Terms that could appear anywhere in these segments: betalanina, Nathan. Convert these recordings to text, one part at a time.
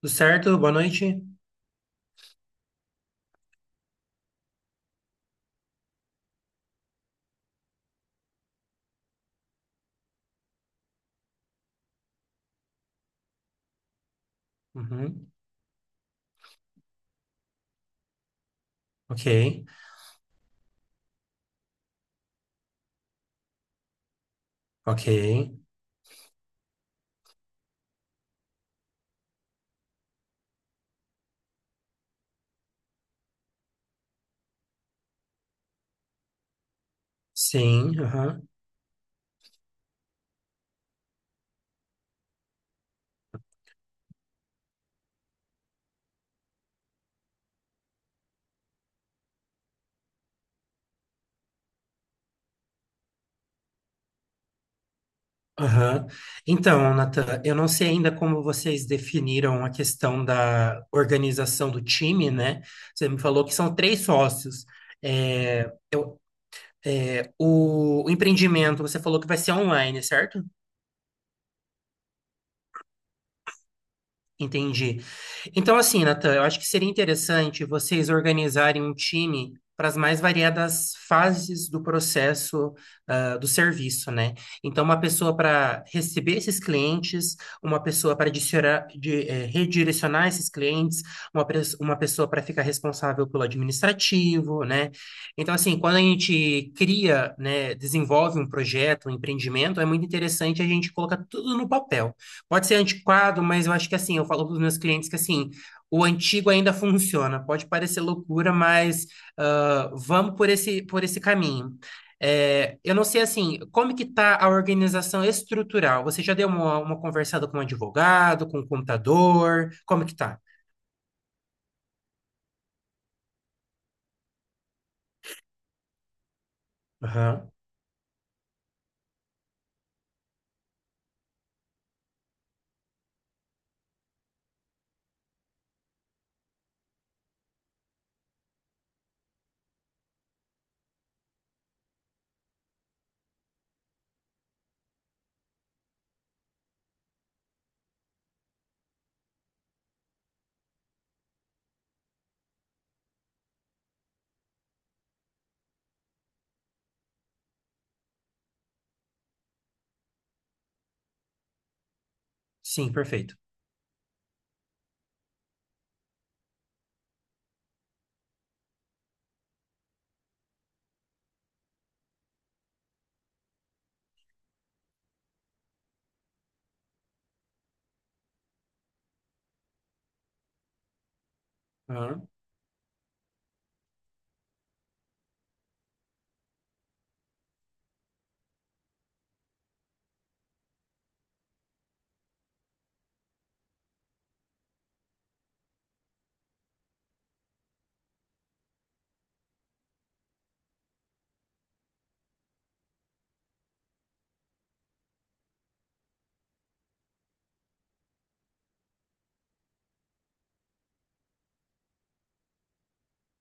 Tudo certo? Boa noite. Uhum. Ok, ok. Sim, aham, aham. Então, Nathan, eu não sei ainda como vocês definiram a questão da organização do time, né? Você me falou que são três sócios. É, eu, o empreendimento, você falou que vai ser online, certo? Entendi. Então, assim, Natan, eu acho que seria interessante vocês organizarem um time para as mais variadas fases do processo, do serviço, né? Então, uma pessoa para receber esses clientes, uma pessoa para redirecionar esses clientes, uma pessoa para ficar responsável pelo administrativo, né? Então, assim, quando a gente cria, né, desenvolve um projeto, um empreendimento, é muito interessante a gente colocar tudo no papel. Pode ser antiquado, mas eu acho que assim, eu falo para os meus clientes que assim, o antigo ainda funciona. Pode parecer loucura, mas vamos por esse caminho. É, eu não sei assim, como que está a organização estrutural? Você já deu uma conversada com um advogado, com um contador? Como que tá? Aham. Sim, perfeito. Aham,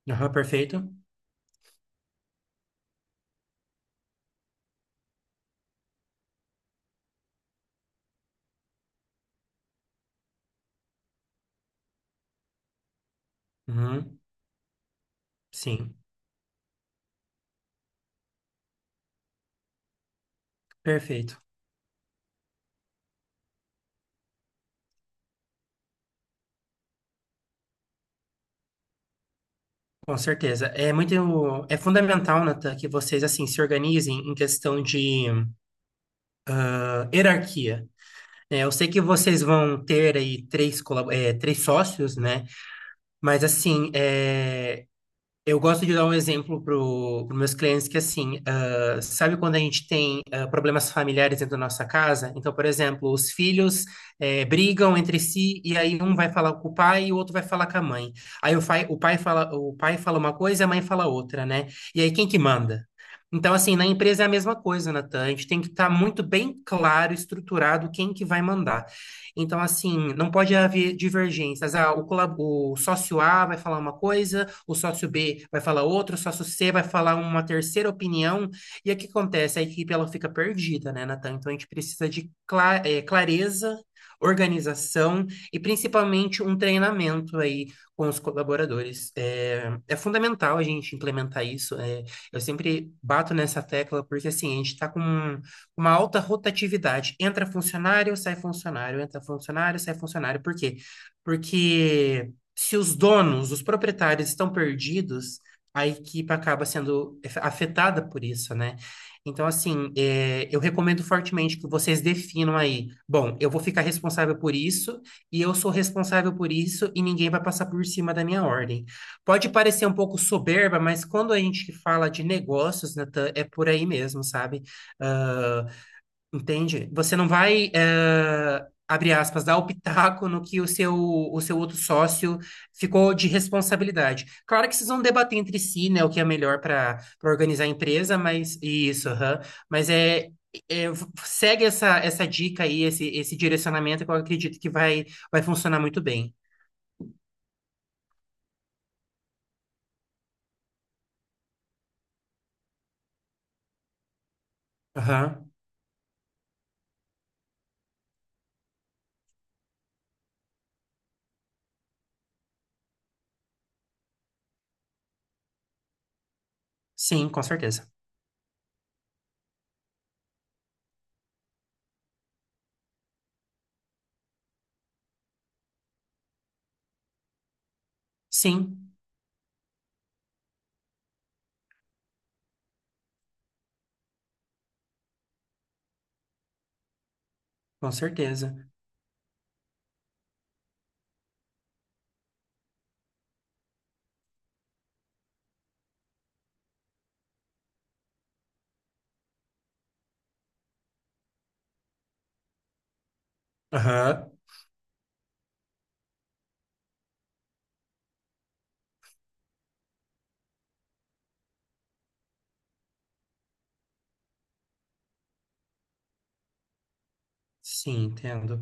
aham, perfeito. Uhum. Sim, perfeito. Com certeza. É fundamental, Natan, que vocês assim se organizem em questão de hierarquia. É, eu sei que vocês vão ter aí é, três sócios, né? Mas assim, é, Eu gosto de dar um exemplo para os meus clientes que, assim, ah, sabe quando a gente tem ah, problemas familiares dentro da nossa casa? Então, por exemplo, os filhos brigam entre si e aí um vai falar com o pai e o outro vai falar com a mãe. Aí o pai fala uma coisa e a mãe fala outra, né? E aí quem que manda? Então, assim, na empresa é a mesma coisa, Natan. A gente tem que estar muito bem claro, estruturado quem que vai mandar. Então, assim, não pode haver divergências. O sócio A vai falar uma coisa, o sócio B vai falar outro, o sócio C vai falar uma terceira opinião. E o que acontece? A equipe ela fica perdida, né, Natan? Então a gente precisa de clareza, organização e principalmente um treinamento aí com os colaboradores. É fundamental a gente implementar isso. Eu sempre bato nessa tecla porque assim, a gente está com uma alta rotatividade. Entra funcionário, sai funcionário, entra funcionário, sai funcionário. Por quê? Porque se os donos, os proprietários estão perdidos, a equipe acaba sendo afetada por isso, né? Então, assim, eu recomendo fortemente que vocês definam aí. Bom, eu vou ficar responsável por isso, e eu sou responsável por isso, e ninguém vai passar por cima da minha ordem. Pode parecer um pouco soberba, mas quando a gente fala de negócios, Natan, é por aí mesmo, sabe? Ah, entende? Você não vai, abre aspas, dar o pitaco no que o seu outro sócio ficou de responsabilidade. Claro que vocês vão debater entre si, né, o que é melhor para organizar a empresa, mas isso, aham. Mas é, é, segue essa dica aí, esse direcionamento que eu acredito que vai funcionar muito bem. Aham. Sim, com certeza. Sim, com certeza. Aham. Sim, entendo.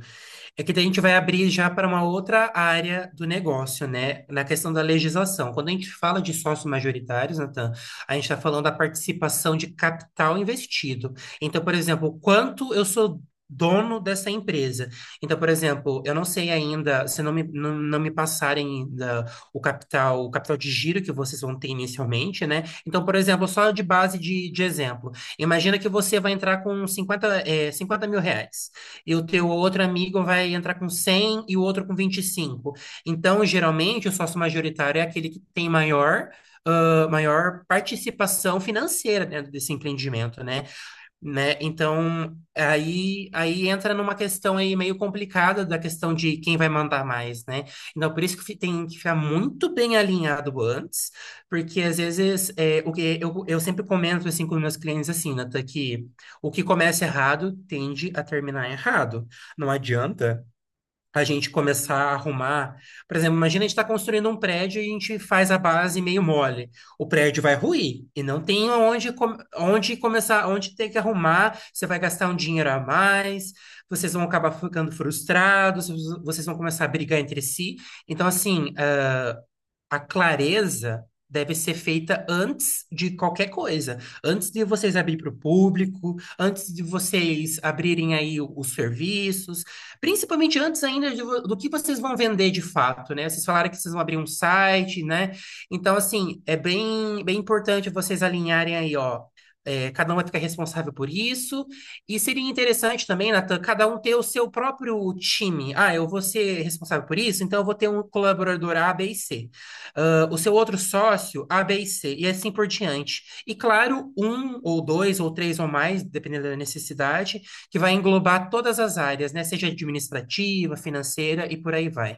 É que daí a gente vai abrir já para uma outra área do negócio, né? Na questão da legislação. Quando a gente fala de sócios majoritários, Natan, a gente está falando da participação de capital investido. Então, por exemplo, quanto eu sou dono dessa empresa. Então, por exemplo, eu não sei ainda, se não me passarem ainda o capital de giro que vocês vão ter inicialmente, né? Então, por exemplo, só de base de exemplo, imagina que você vai entrar com 50 mil reais e o teu outro amigo vai entrar com 100 e o outro com vinte e cinco. Então, geralmente, o sócio majoritário é aquele que tem maior participação financeira dentro desse empreendimento, né? né? Então, aí entra numa questão aí meio complicada da questão de quem vai mandar mais, né? Então, por isso que tem que ficar muito bem alinhado antes, porque às vezes é, eu sempre comento assim com meus clientes assim, Nata, que o que começa errado tende a terminar errado. Não adianta a gente começar a arrumar. Por exemplo, imagina a gente está construindo um prédio e a gente faz a base meio mole. O prédio vai ruir e não tem onde começar, onde ter que arrumar. Você vai gastar um dinheiro a mais, vocês vão acabar ficando frustrados, vocês vão começar a brigar entre si. Então, assim, a clareza deve ser feita antes de qualquer coisa, antes de vocês abrir para o público, antes de vocês abrirem os serviços, principalmente antes ainda de do que vocês vão vender de fato, né? Vocês falaram que vocês vão abrir um site, né? Então, assim, é bem, bem importante vocês alinharem aí, ó. Cada um vai ficar responsável por isso. E seria interessante também, Natan, cada um ter o seu próprio time. Ah, eu vou ser responsável por isso, então eu vou ter um colaborador A, B e C, o seu outro sócio, A, B e C, e assim por diante. E claro, um ou dois ou três ou mais, dependendo da necessidade, que vai englobar todas as áreas, né? Seja administrativa, financeira e por aí vai.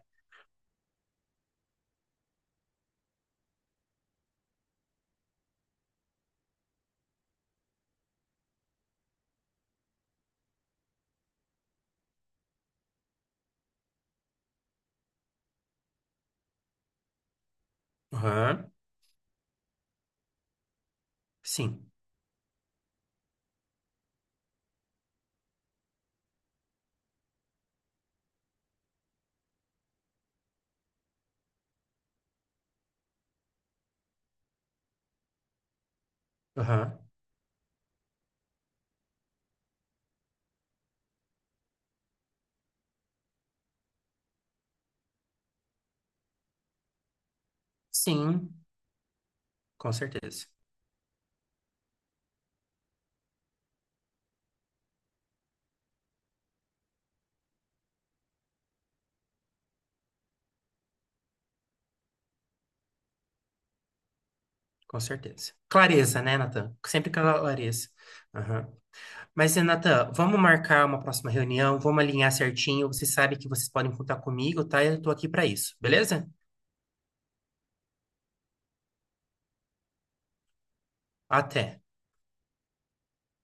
Aham, sim. Aham, sim, com certeza. Com certeza. Clareza, né, Natan? Sempre clareza. Aham. Mas, Renata, vamos marcar uma próxima reunião, vamos alinhar certinho. Você sabe que vocês podem contar comigo, tá? Eu tô aqui para isso, beleza? Até.